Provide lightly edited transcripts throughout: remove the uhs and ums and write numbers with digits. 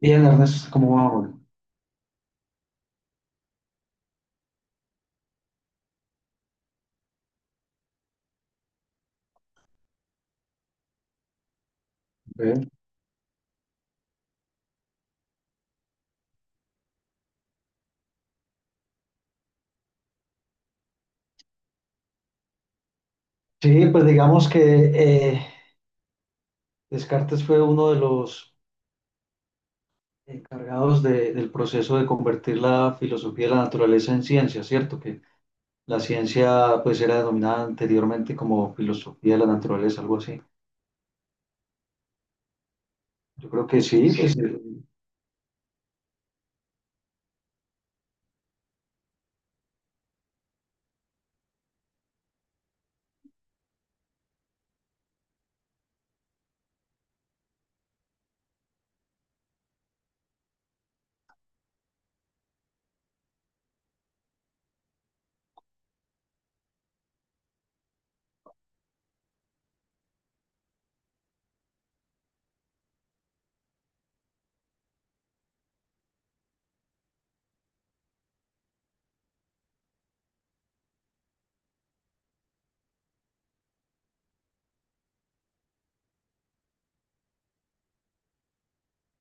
Bien, Ernesto, ¿cómo va, Juan? Bien. Sí, pues digamos que eh, Descartes fue uno de los encargados del proceso de convertir la filosofía de la naturaleza en ciencia, ¿cierto? Que la ciencia pues era denominada anteriormente como filosofía de la naturaleza, algo así. Yo creo que sí, pues sí, pues,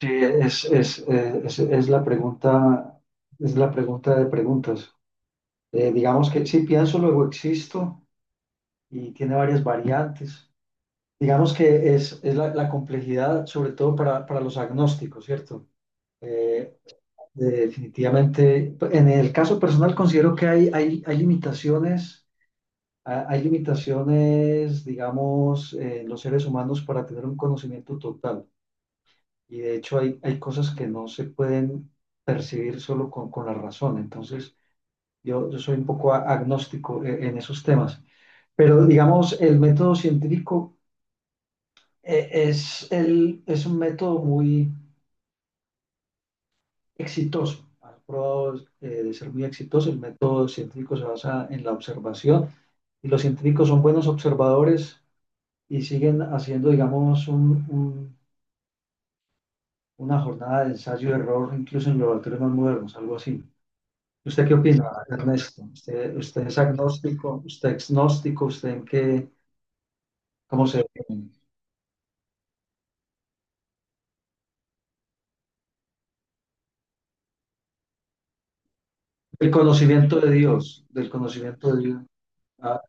sí, es la pregunta de preguntas. Digamos que sí, pienso, luego existo y tiene varias variantes. Digamos que es la complejidad, sobre todo para los agnósticos, ¿cierto? Eh, Definitivamente, en el caso personal considero que hay limitaciones, hay limitaciones, digamos, en los seres humanos para tener un conocimiento total. Y de hecho hay cosas que no se pueden percibir solo con la razón. Entonces, yo soy un poco agnóstico en esos temas. Pero digamos, el método científico es un método muy exitoso. Has probado de ser muy exitoso. El método científico se basa en la observación y los científicos son buenos observadores y siguen haciendo, digamos, una jornada de ensayo-error, incluso en los laboratorios más modernos, algo así. ¿Usted qué opina, Ernesto? Usted es agnóstico? ¿Usted es agnóstico? ¿Usted en qué? ¿Cómo se... ve? El conocimiento de Dios, del conocimiento de Dios. Ah,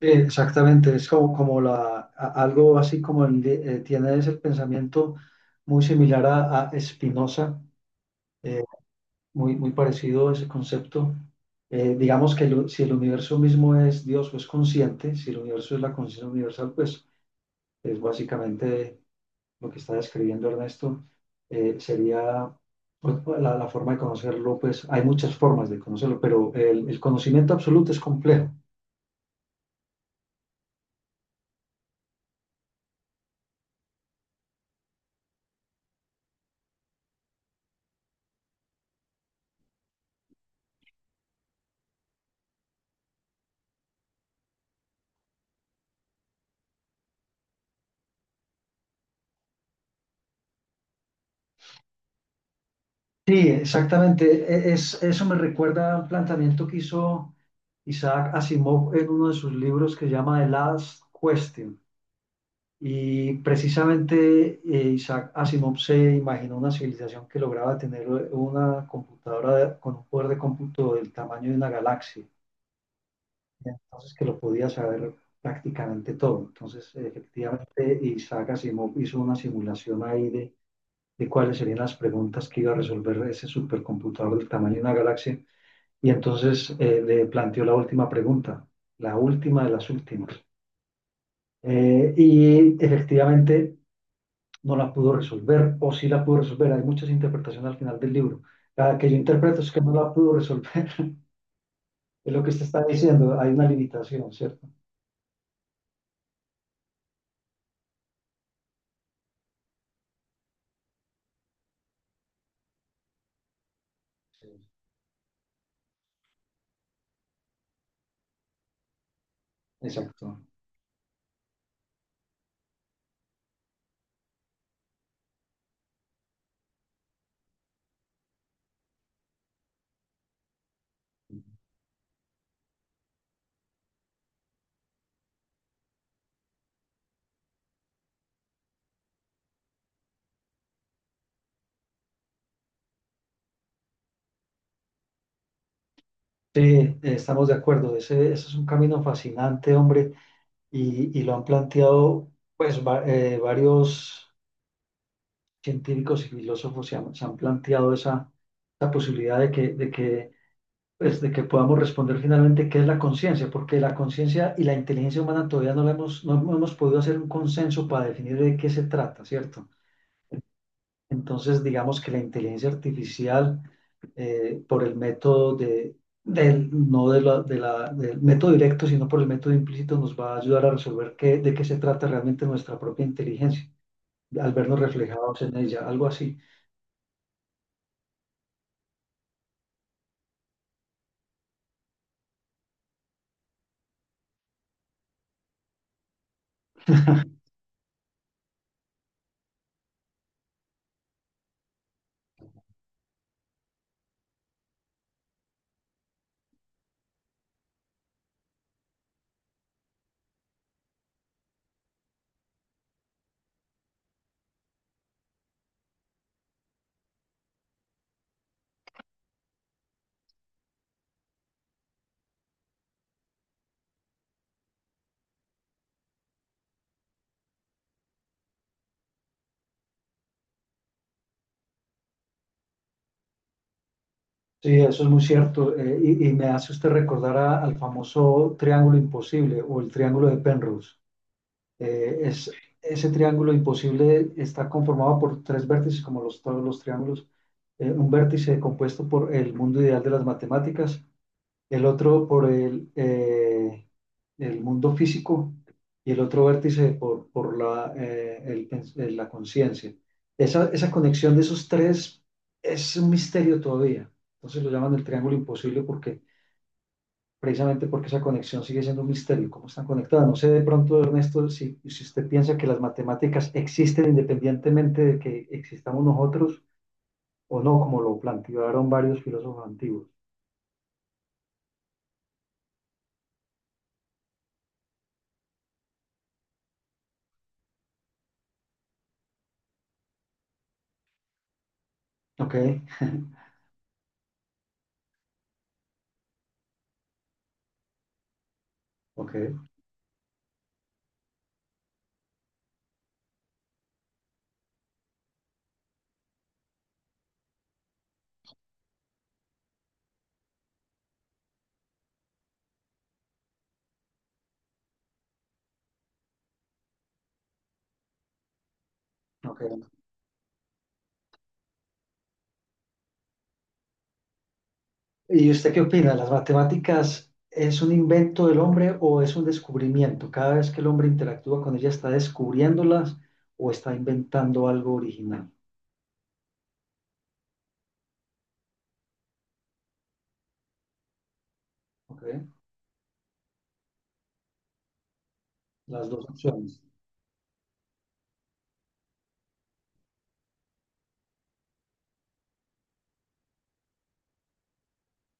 Exactamente, es como, como algo así como tienes el pensamiento muy similar a Spinoza, eh, muy parecido a ese concepto. Digamos que si el universo mismo es Dios o es consciente, si el universo es la conciencia universal, pues es básicamente lo que está describiendo Ernesto, sería pues, la forma de conocerlo, pues hay muchas formas de conocerlo, pero el conocimiento absoluto es complejo. Sí, exactamente. Es, eso me recuerda a un planteamiento que hizo Isaac Asimov en uno de sus libros que se llama The Last Question. Y precisamente Isaac Asimov se imaginó una civilización que lograba tener una computadora con un poder de cómputo del tamaño de una galaxia. Entonces, que lo podía saber prácticamente todo. Entonces, efectivamente, Isaac Asimov hizo una simulación ahí de cuáles serían las preguntas que iba a resolver ese supercomputador del tamaño de una galaxia. Y entonces le planteó la última pregunta, la última de las últimas. Y efectivamente no la pudo resolver, o sí la pudo resolver. Hay muchas interpretaciones al final del libro. La que yo interpreto es que no la pudo resolver. Es lo que usted está diciendo, hay una limitación, ¿cierto? Sí. Exacto. Sí, estamos de acuerdo. Ese es un camino fascinante, hombre. Y lo han planteado, pues varios científicos y filósofos se han planteado esa posibilidad pues, de que podamos responder finalmente qué es la conciencia, porque la conciencia y la inteligencia humana todavía no la hemos, no hemos podido hacer un consenso para definir de qué se trata, ¿cierto? Entonces, digamos que la inteligencia artificial por el método de, del, no de la, de la- del método directo, sino por el método implícito, nos va a ayudar a resolver qué, de qué se trata realmente nuestra propia inteligencia, al vernos reflejados en ella, algo así. Sí, eso es muy cierto. Y me hace usted recordar al famoso triángulo imposible o el triángulo de Penrose. Eh, es, Ese triángulo imposible está conformado por tres vértices, como los, todos los triángulos. Un vértice compuesto por el mundo ideal de las matemáticas, el otro por el mundo físico y el otro vértice por la conciencia. Esa conexión de esos tres es un misterio todavía. Entonces lo llaman el triángulo imposible porque precisamente porque esa conexión sigue siendo un misterio, cómo están conectadas. No sé de pronto, Ernesto, si usted piensa que las matemáticas existen independientemente de que existamos nosotros o no, como lo plantearon varios filósofos antiguos. Ok, ok, ok. ¿Y usted qué opina? ¿Las matemáticas es un invento del hombre o es un descubrimiento? Cada vez que el hombre interactúa con ella, ¿está descubriéndolas o está inventando algo original? ¿Ok? Las dos opciones.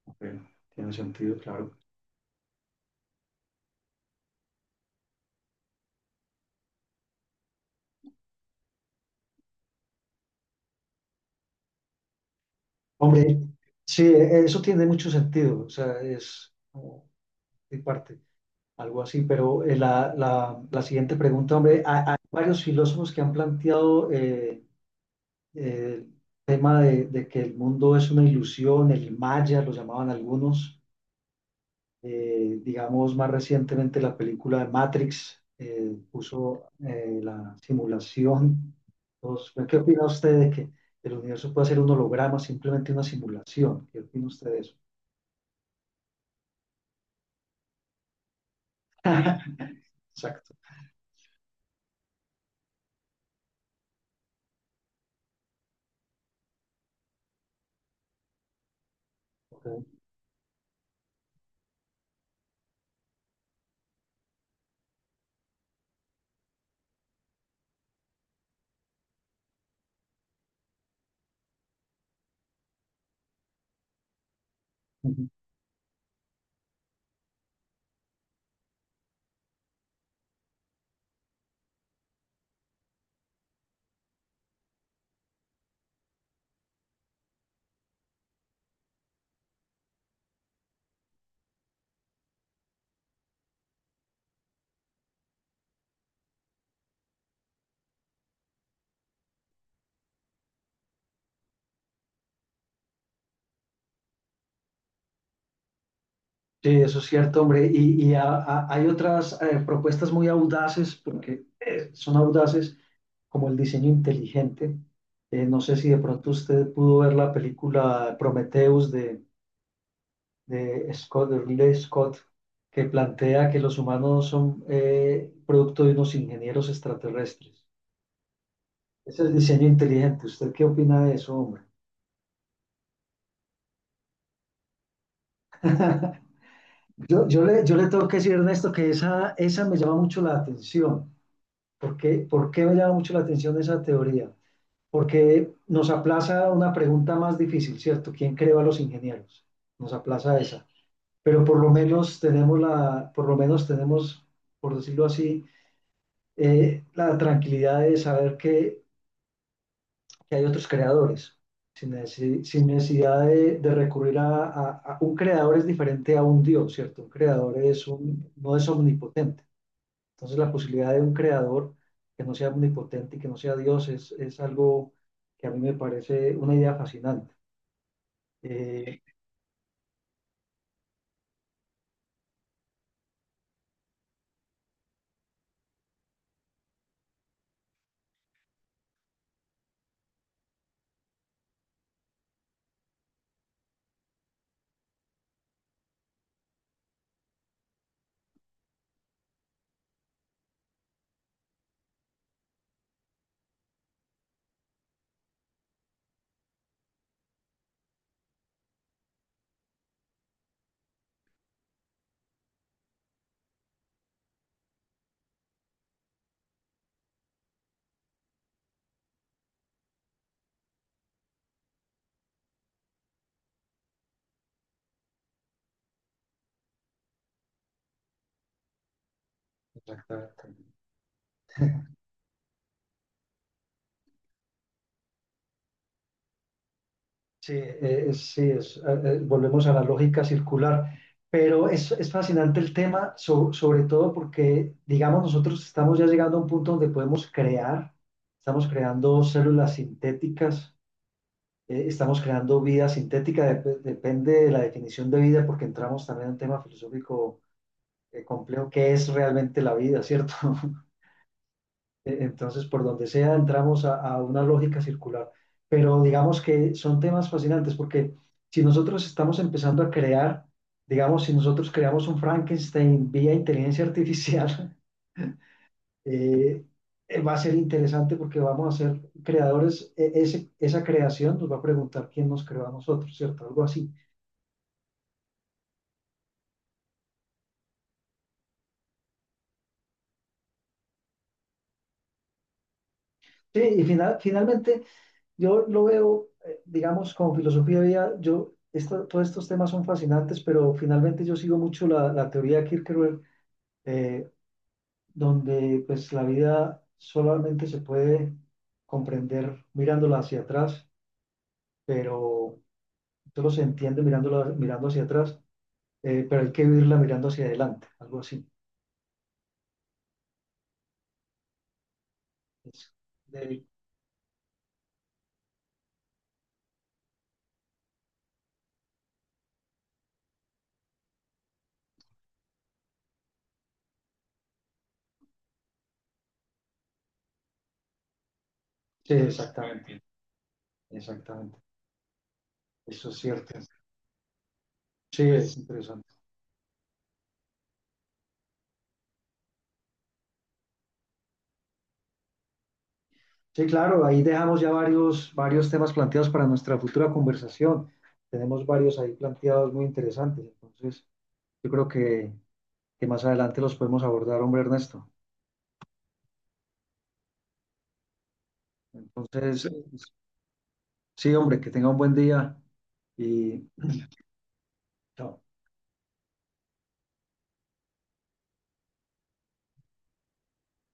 Ok, tiene sentido, claro. Hombre, sí, eso tiene mucho sentido. O sea, es como de parte, algo así. Pero la siguiente pregunta, hombre, hay varios filósofos que han planteado... eh, tema de que el mundo es una ilusión, el Maya lo llamaban algunos, digamos más recientemente la película de Matrix puso la simulación. Entonces, pues, ¿qué opina usted de que el universo puede ser un holograma, simplemente una simulación? ¿Qué opina usted de eso? Exacto. Ok. Ujú. Sí, eso es cierto, hombre. Hay otras propuestas muy audaces, porque son audaces, como el diseño inteligente. No sé si de pronto usted pudo ver la película Prometheus de Scott, de Ridley Scott, que plantea que los humanos son producto de unos ingenieros extraterrestres. Ese es el diseño inteligente. ¿Usted qué opina de eso, hombre? Yo le tengo que decir, Ernesto, que esa me llama mucho la atención. Por qué me llama mucho la atención esa teoría? Porque nos aplaza una pregunta más difícil, ¿cierto? ¿Quién creó a los ingenieros? Nos aplaza esa. Pero por lo menos tenemos por lo menos tenemos, por decirlo así, la tranquilidad de saber que hay otros creadores, sin necesidad de recurrir un creador es diferente a un Dios, ¿cierto? Un creador es un, no es omnipotente. Entonces la posibilidad de un creador que no sea omnipotente y que no sea Dios es algo que a mí me parece una idea fascinante. Eh, Exactamente. Sí, volvemos a la lógica circular, pero es fascinante el tema, sobre todo porque, digamos, nosotros estamos ya llegando a un punto donde podemos crear, estamos creando células sintéticas, estamos creando vida sintética, depende de la definición de vida, porque entramos también en un tema filosófico complejo, ¿qué es realmente la vida, cierto? Entonces, por donde sea, entramos a una lógica circular. Pero digamos que son temas fascinantes porque si nosotros estamos empezando a crear, digamos, si nosotros creamos un Frankenstein vía inteligencia artificial, eh, va a ser interesante porque vamos a ser creadores. Esa creación nos va a preguntar quién nos creó a nosotros, ¿cierto? Algo así. Sí, y finalmente... Yo lo veo, digamos, como filosofía de vida, yo, todos estos temas son fascinantes, pero finalmente yo sigo mucho la teoría de Kierkegaard, eh, donde pues la vida solamente se puede comprender mirándola hacia atrás, pero solo se entiende mirándola, mirando hacia atrás, pero hay que vivirla mirando hacia adelante, algo así. Es de- sí, exactamente, exactamente. Eso es cierto. Sí, es interesante. Sí, claro, ahí dejamos ya varios temas planteados para nuestra futura conversación. Tenemos varios ahí planteados muy interesantes, entonces yo creo que más adelante los podemos abordar, hombre Ernesto. Sí. Entonces, sí, hombre, que tenga un buen día y chao.